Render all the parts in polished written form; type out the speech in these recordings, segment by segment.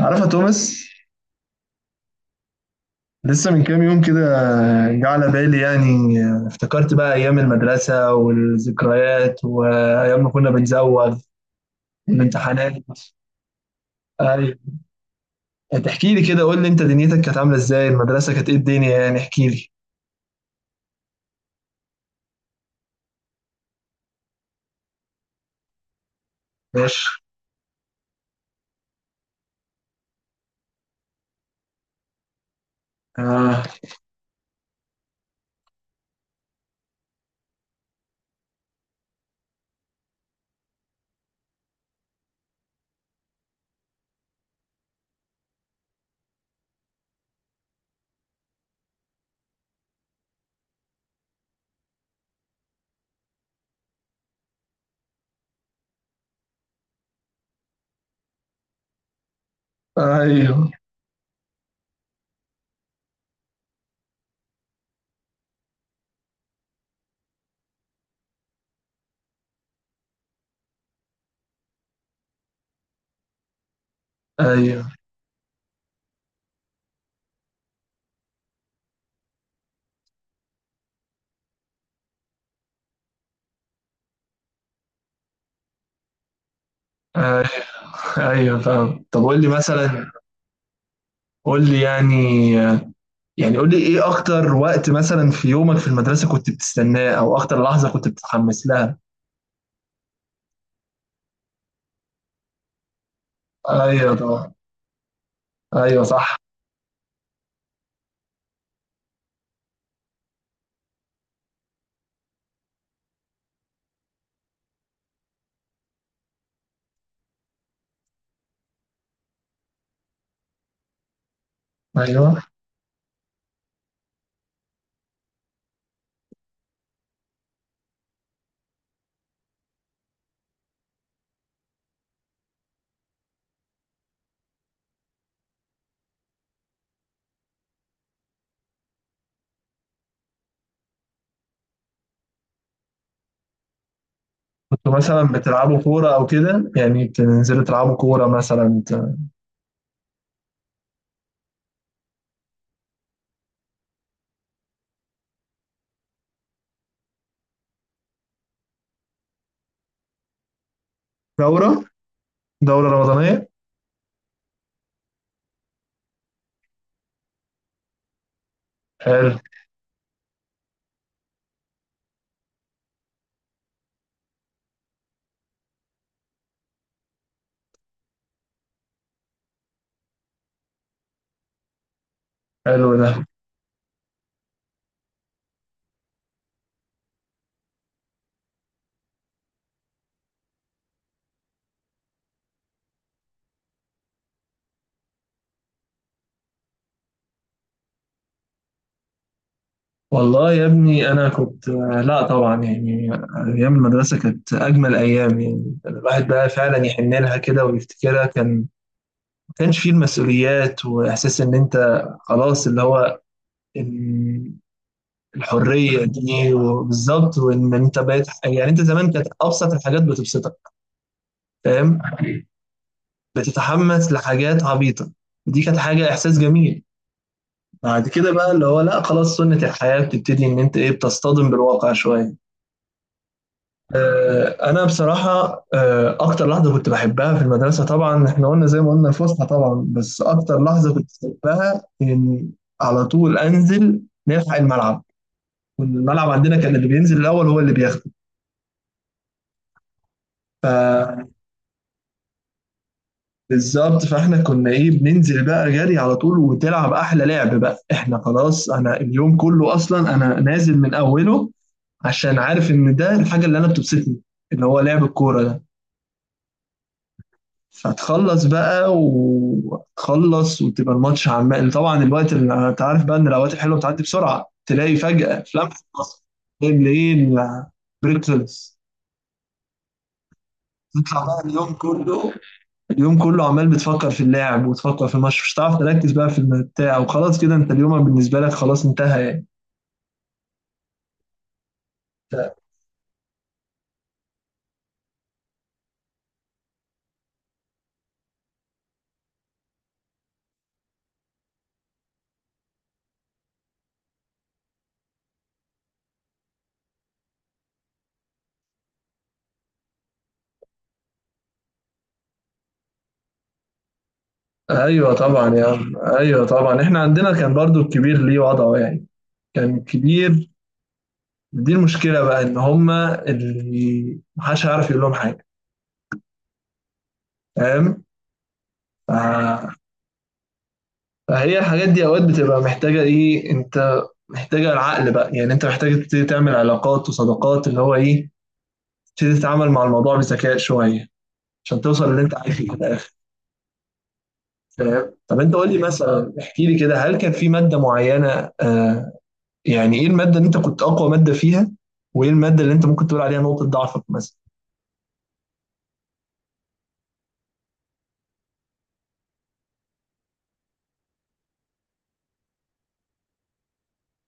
عارفة توماس. لسه من كام يوم كده جه على بالي يعني، افتكرت بقى أيام المدرسة والذكريات وأيام ما كنا بنزوغ والامتحانات. أيوة. تحكي لي كده، قول لي أنت دنيتك كانت عاملة إزاي؟ المدرسة كانت إيه الدنيا يعني؟ احكي لي. ماشي. آه. أيوه، أيوه، أيوه، أيوه، فاهم. طب قول لي مثلا، قول لي يعني قول لي إيه أكتر وقت مثلا في يومك في المدرسة كنت بتستناه؟ أو أكتر لحظة كنت بتتحمس لها؟ أيوه طبعا. ايوه صح. ايوه. كنتوا مثلا بتلعبوا كوره او كده يعني؟ بتنزلوا تلعبوا كوره مثلا دوره دوره رمضانيه. حلو. حلو ده. والله يا ابني انا كنت، لا طبعا يعني، ايام المدرسه كانت اجمل ايام يعني، الواحد بقى فعلا يحن لها كده ويفتكرها. ما كانش فيه المسؤوليات واحساس ان انت، خلاص اللي هو ال- الحريه دي، وبالظبط. وان انت بقيت يعني، انت زمان كانت ابسط الحاجات بتبسطك. فاهم. بتتحمس لحاجات عبيطة، دي كانت حاجة إحساس جميل. بعد كده بقى اللي هو لا، خلاص، سنة الحياة بتبتدي إن أنت إيه، بتصطدم بالواقع شوية. أنا بصراحة، أكتر لحظة كنت بحبها في المدرسة طبعا، إحنا قلنا زي ما قلنا الفسحة طبعا، بس أكتر لحظة كنت بحبها إن على طول أنزل نلحق الملعب. والملعب عندنا كان اللي بينزل الأول هو اللي بياخده. بالظبط، فاحنا كنا ايه، بننزل بقى جري على طول وتلعب احلى لعب بقى. احنا خلاص، انا اليوم كله اصلا انا نازل من اوله، عشان عارف ان ده الحاجه اللي انا بتبسطني، اللي هو لعب الكوره ده. فتخلص بقى وتخلص وتبقى الماتش عمال، طبعا الوقت اللي انت عارف بقى ان الاوقات الحلوه بتعدي بسرعه، تلاقي فجاه في لمحه، بصر تلاقي بالليل البريك خلص. تطلع بقى، اليوم كله، اليوم كله عمال بتفكر في اللاعب وتفكر في الماتش، مش هتعرف تركز بقى في بتاع. وخلاص كده، انت اليوم بالنسبه لك خلاص انتهى يعني. ايوه طبعا يا عم، ايوه طبعا. احنا عندنا كان برضو الكبير ليه وضعه يعني. كان الكبير، دي المشكله بقى، ان هما اللي محدش هيعرف يقول لهم حاجه. فاهم. ف- فهي الحاجات دي اوقات بتبقى محتاجه ايه، انت محتاجه العقل بقى، يعني انت محتاج تبتدي تعمل علاقات وصداقات اللي هو ايه، تبتدي تتعامل مع الموضوع بذكاء شويه، عشان توصل اللي انت عايزه في الاخر. فاهم. طب انت قول لي مثلا، احكي لي كده، هل كان في ماده معينه؟ آه. يعني ايه الماده اللي انت كنت اقوى ماده فيها؟ وايه الماده اللي انت ممكن تقول عليها نقطه ضعفك مثلا؟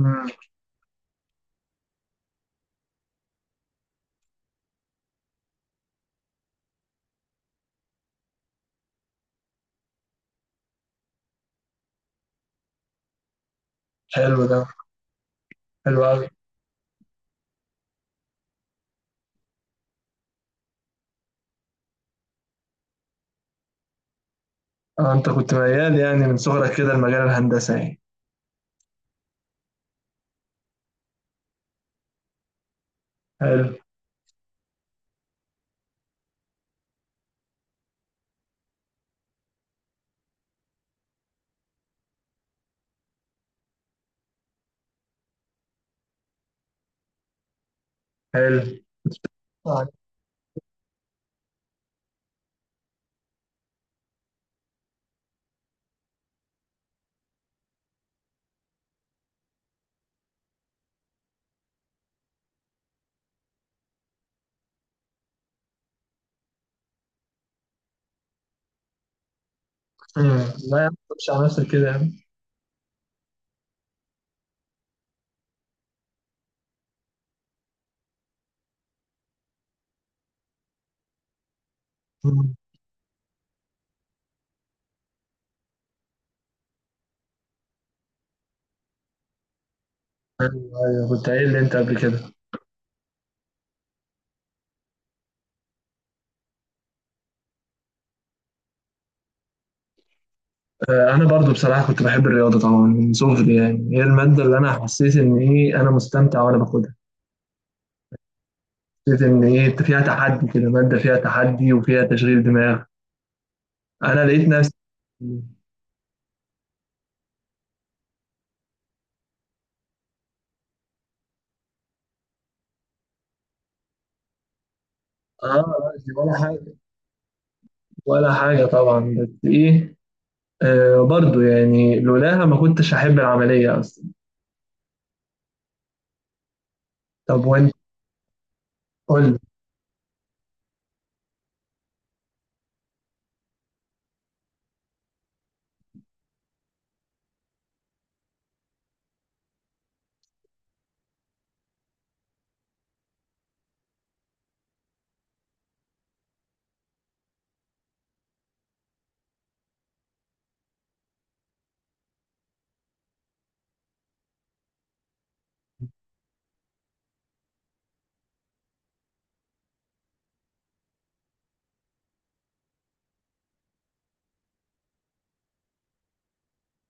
امم. حلو ده. حلو قوي. اه، انت كنت ميال يعني من صغرك كده لمجال الهندسه يعني؟ حلو. حلو. آه. امم. لا يا عم، مش على نفسك كده يا عم. امم. ايوه. أيوة، كنت قايل لي انت قبل كده. انا برضو بصراحه كنت بحب الرياضه طبعا من صغري، يعني هي الماده اللي انا حسيت ان ايه، انا مستمتع وانا باخدها. حسيت ان ايه انت فيها تحدي كده، ماده فيها تحدي وفيها تشغيل دماغ، انا لقيت نفسي. اه دي ولا حاجه، ولا حاجه طبعا، بس ايه، برضو يعني لولاها ما كنتش هحب العمليه اصلا. طب وانت قول لي.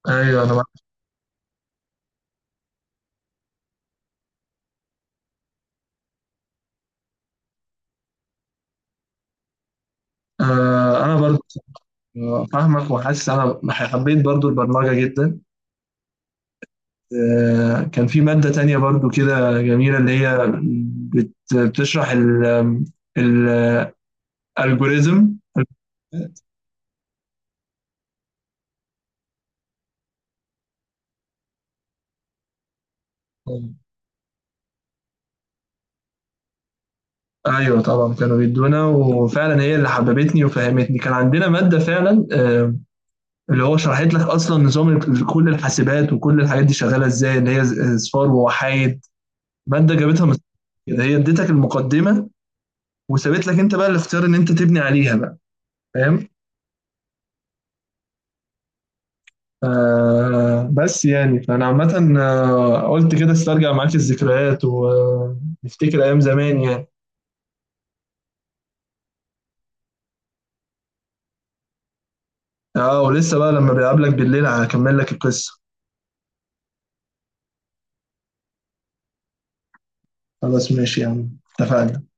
ايوه انا معاك. انا برضو فاهمك، وحاسس انا حبيت برضو البرمجه جدا. كان في ماده تانية برضو كده جميله، اللي هي بتشرح ال الالجوريزم. أيوه طبعًا، كانوا بيدّونا وفعلًا هي اللي حبّبتني وفهّمتني. كان عندنا مادة فعلًا، اللي هو شرحت لك أصلًا نظام ال كل الحاسبات وكل الحاجات دي شغّالة إزاي، اللي هي أصفار ووحايد. مادة جابتها من كده، هي ادّيتك المقدّمة، وسابت لك أنت بقى الاختيار إن أنت تبني عليها بقى. فاهم؟ فبس يعني، فأنا عامةً، قُلت كده أسترجع معاك الذكريات ونفتكر أيام زمان يعني. آه، ولسه بقى لمّا باقابلك بالليل هاكمّل لك القصة. خلاص ماشي يا عم، اتفقنا.